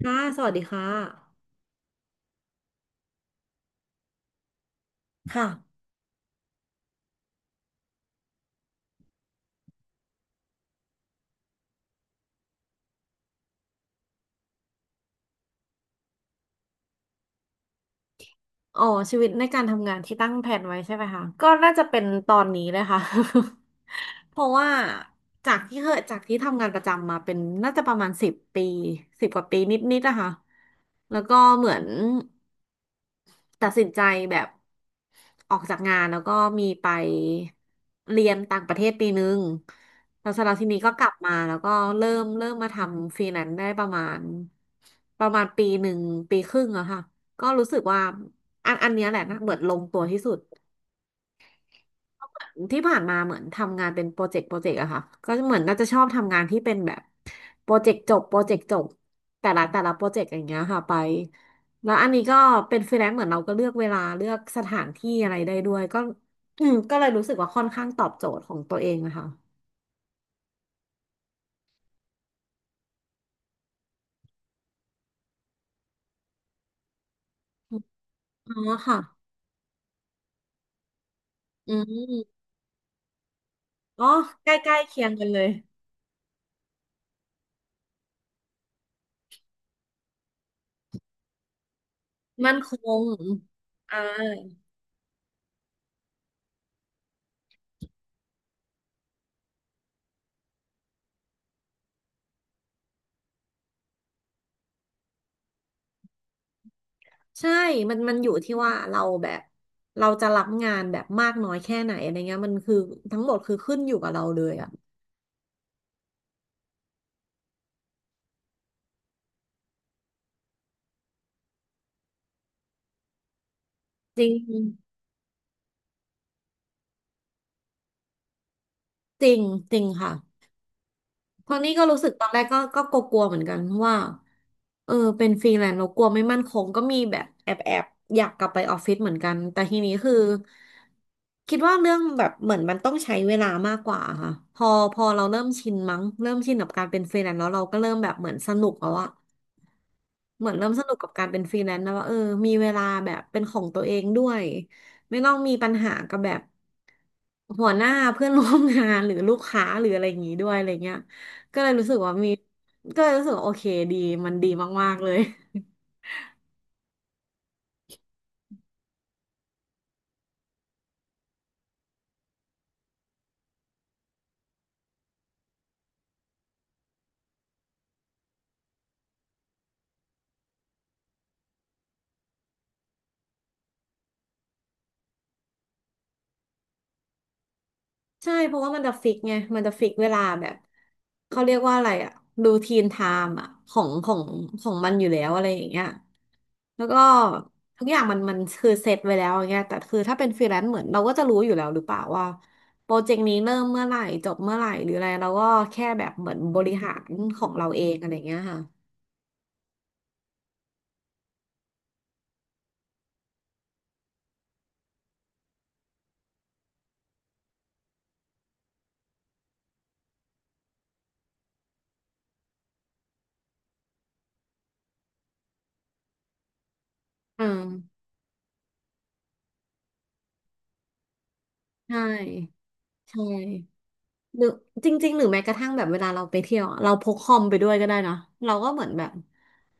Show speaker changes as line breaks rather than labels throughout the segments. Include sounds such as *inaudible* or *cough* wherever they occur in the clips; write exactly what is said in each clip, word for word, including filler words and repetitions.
ค่ะ สวัสดีค่ะ ค่ะ อ๋อ ชีวิตในการทำงานที่ตั้งแผนไว้ใช่ไหมคะก็น่าจะเป็นตอนนี้เลยค่ะ *laughs* เพราะว่าจากที่เคยจากที่ทำงานประจำมาเป็นน่าจะประมาณสิบปีสิบกว่าปีนิดๆนะคะ แล้วก็เหมือน ตัดสินใจแบบออกจากงานแล้วก็มีไปเรียนต่างประเทศปีนึงแล้วเสร็จแล้วทีนี้ก็กลับมาแล้วก็เริ่มเริ่มมาทำฟรีแลนซ์ได้ประมาณประมาณปีหนึ่งปีครึ่งอะค่ะก็รู้สึกว่าอันอันเนี้ยแหละนะเหมือนลงตัวที่สุดที่ผ่านมาเหมือนทำงานเป็นโปรเจกต์โปรเจกต์อะค่ะก็เหมือนน่าจะชอบทำงานที่เป็นแบบ โปรเจกต์จบ โปรเจกต์จบ แต่ละแต่ละโปรเจกต์อย่างเงี้ยค่ะไป แล้วอันนี้ก็เป็นฟรีแลนซ์เหมือนเราก็เลือกเวลาเลือกสถานที่อะไรได้ด้วยก็อืมก็เลยรู้สึกว่าค่อนข้างตอบโจทย์ของตัวเองนะคะอ๋อค่ะอืมอ๋อใกล้ๆเคียงกันเลย มั่นคงอ่าใช่มันมันอยู่ที่ว่าเราแบบเราจะรับงานแบบมากน้อยแค่ไหนอะไรเงี้ยมันคือทั้งหมดคือขึ้นอยู่กับเราเลยอะจริงจริงจริงค่ะ ตอนนี้ก็รู้สึกตอนแรกก็ก็กลัวๆเหมือนกันเพราะว่าเออเป็นฟรีแลนซ์เรากลัวไม่มั่นคงก็มีแบบแอบแอบอยากกลับไปออฟฟิศเหมือนกันแต่ทีนี้คือคิดว่าเรื่องแบบเหมือนมันต้องใช้เวลามากกว่าค่ะพอพอเราเริ่มชินมั้งเริ่มชินกับการเป็นฟรีแลนซ์แล้วเราก็เริ่มแบบเหมือนสนุกแล้วอะเหมือนเริ่มสนุกกับการเป็นฟรีแลนซ์แล้วว่าเออมีเวลาแบบเป็นของตัวเองด้วยไม่ต้องมีปัญหากับแบบ หัวหน้าเพื่อนร่วมงานหรือลูกค้าหรืออะไรอย่างนี้ด้วยอะไรเงี้ยก็เลยรู้สึกว่ามีก็เลยรู้สึกว่าโอเคดีมันดีมากๆเลย *laughs* ใช่เพราะว่ามันจะฟิกไงมันจะฟิกเวลาแบบเขาเรียกว่าอะไรอะรูทีนไทม์อะของของของมันอยู่แล้วอะไรอย่างเงี้ยแล้วก็ทุกอย่างมันมันคือเซตไว้แล้วอย่างเงี้ยแต่คือถ้าเป็นฟรีแลนซ์เหมือนเราก็จะรู้อยู่แล้วหรือเปล่าว่าโปรเจกต์นี้เริ่มเมื่อไหร่จบเมื่อไหร่หรืออะไรเราก็แค่แบบเหมือนบริหารของเราเองอะไรอย่างเงี้ยค่ะอืม ใช่ใช่หรือจริงๆหรือแม้กระทั่งแบบเวลาเราไปเที่ยวอะเราพกคอมไปด้วยก็ได้เนอะเราก็เหมือนแบบ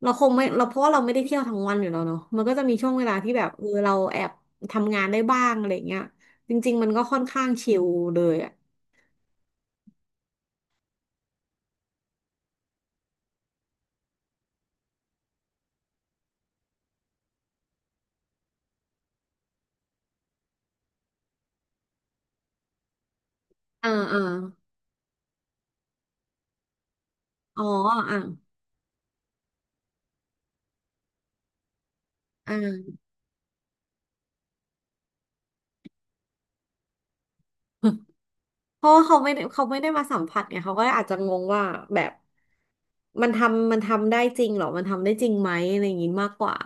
เราคงไม่เราเพราะว่าเราไม่ได้เที่ยวทั้งวันอยู่แล้วเนาะมันก็จะมีช่วงเวลาที่แบบเออเราแอบทำงานได้บ้างอะไรเงี้ยจริงๆมันก็ค่อนข้างชิลเลยอ่ะอ่าอ่าอ๋ออ่าอ่า *laughs* เพราะว่าเขาไม่ได้เขาไม่ได้มาสัมผัสไงเขาก็อาจจะงงว่าแบบมันทำมันทำได้จริงเหรอมันทำได้จริงไหมอะไรอย่างงี้มากกว่า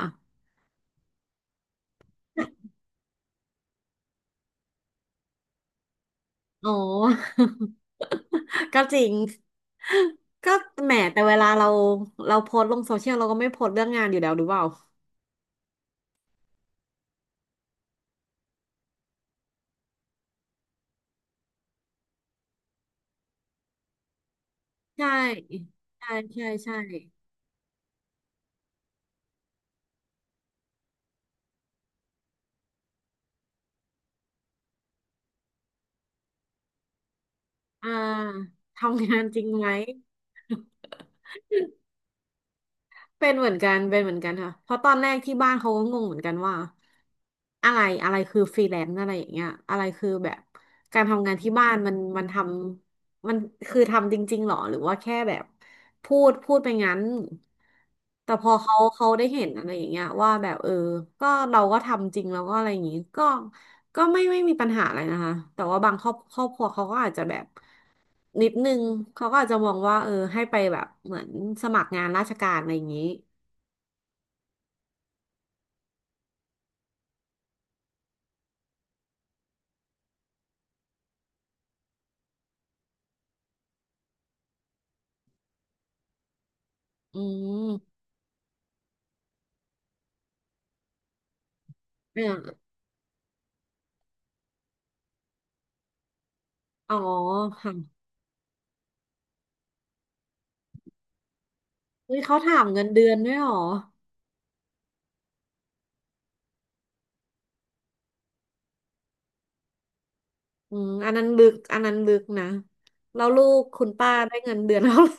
อ๋อ *laughs* ก็จริง ก็แหมแต่เวลาเราเราโพสต์ลงโซเชียลเราก็ไม่โพสต์เรื่องงานอยู่แล้วหรือเปล่าใช่ใช่ใช่ใช่อ่าทำงานจริงไหม เป็นเหมือนกันเป็นเหมือนกันค่ะเพราะตอนแรกที่บ้านเขาก็งงเหมือนกันว่าอะไรอะไรคือฟรีแลนซ์อะไรอย่างเงี้ยอะไรคือแบบการทำงานที่บ้านมันมันทำมันคือทำจริงๆหรอหรือว่าแค่แบบพูดพูดไปงั้นแต่พอเขาเขาได้เห็นอะไรอย่างเงี้ยว่าแบบเออก็เราก็ทำจริงแล้วก็อะไรอย่างงี้ก็ก็ไม่ไม่มีปัญหาอะไรนะคะแต่ว่าบางครอบครอบครัวเขาก็อาจจะแบบนิดนึงเขาก็อาจจะมองว่าเออให้ไปแบบเหมือนสมัครงานราชการอะไรอย่างนี้ อืมเนี่ยอ๋อค่ะเฮ้ยเขาถามเงินเดือนด้วยเหรออืมอันนั้นลึกอันนั้นลึกนะแล้วลูกคุณป้าได้เงินเดือนเท่าไหร่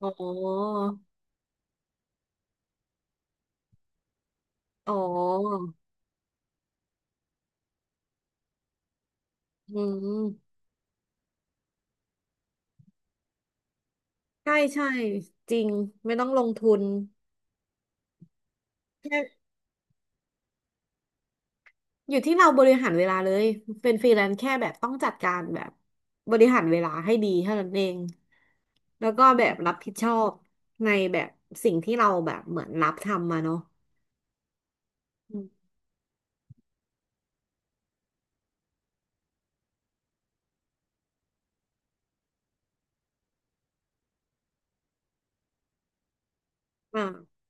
อ๋อ อ๋ออืมใช่ใช่จริงไม่ต้องลงทุนแค่อยู่ที่เราบริหารเวลาเลย เป็นฟรีแลนซ์แค่แบบต้องจัดการแบบบริหารเวลาให้ดีเท่านั้นเอง แล้วก็แบบรับผิดชอบในแบบสิ่งที่เราแบบเหมือนรับทำมาเนาะอืมอ่า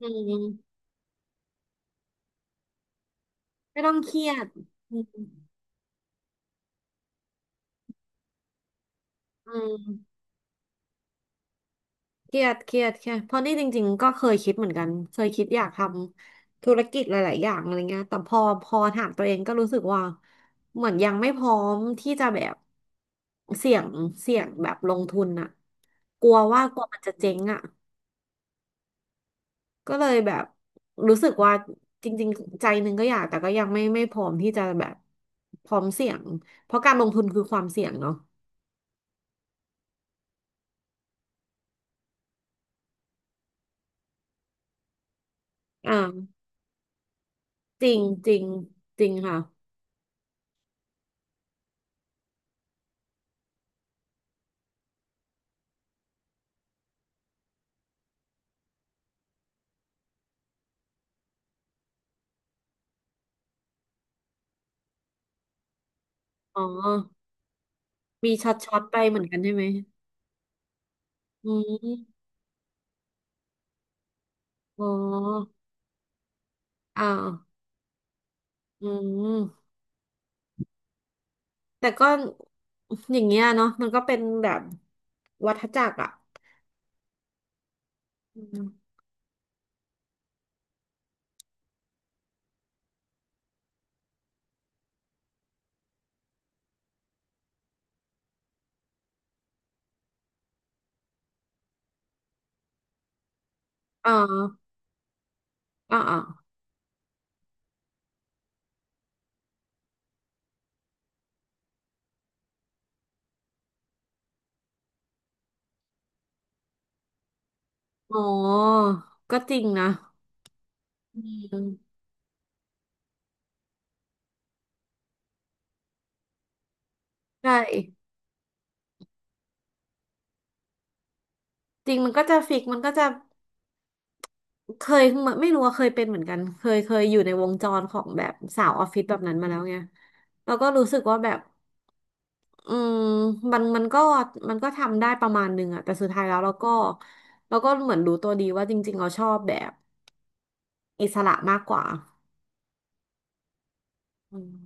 อืม ไม่ต้องเครียดอืมอืมเครียดเครียดแค่เพราะนี่จริงๆ ก็เคยคิดเหมือนกัน เคยคิดอยากทำธุรกิจหลายๆ อย่างอะไรเงี้ยแต่พอพอถามตัวเองก็รู้สึกว่าเหมือนยังไม่พร้อมที่จะแบบเสี่ยงเสี่ยงแบบลงทุนอะกลัวว่ากลัวมันจะเจ๊งอะก็เลยแบบรู้สึกว่าจริงๆใจหนึ่งก็อยากแต่ก็ยังไม่ไม่พร้อมที่จะแบบพร้อมเสี่ยงเพราะการลงทุนคือความเสี่ยงเนาะอ่าจริงจริงจริงค่ะ อ๋อมีช็อตช็อตไปเหมือนกันใช่ไหมอืมอ๋ออ้าวอืมแต่ก็อย่างเงี้ยเนาะมันก็เป็นแบบวัฏจักรอ่ะอืมอ่าอ่าอออ๋อก็จริงนะอืมใช่จริงมันก็จะฟิกมันก็จะเคยเหมือนไม่รู้ว่าเคยเป็นเหมือนกันเคยเคยอยู่ในวงจรของแบบสาวออฟฟิศแบบนั้นมาแล้วไงแล้วก็รู้สึกว่าแบบ อืมมันมันก็มันก็ทำได้ประมาณหนึงอะแต่สุดท้ายแล้วเราก็เราก็เหมือนรู้ตัวดีว่าจริงๆเราชอบแบบอิสระมากกว่าอืม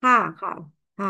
ค่ะค่ะค่ะ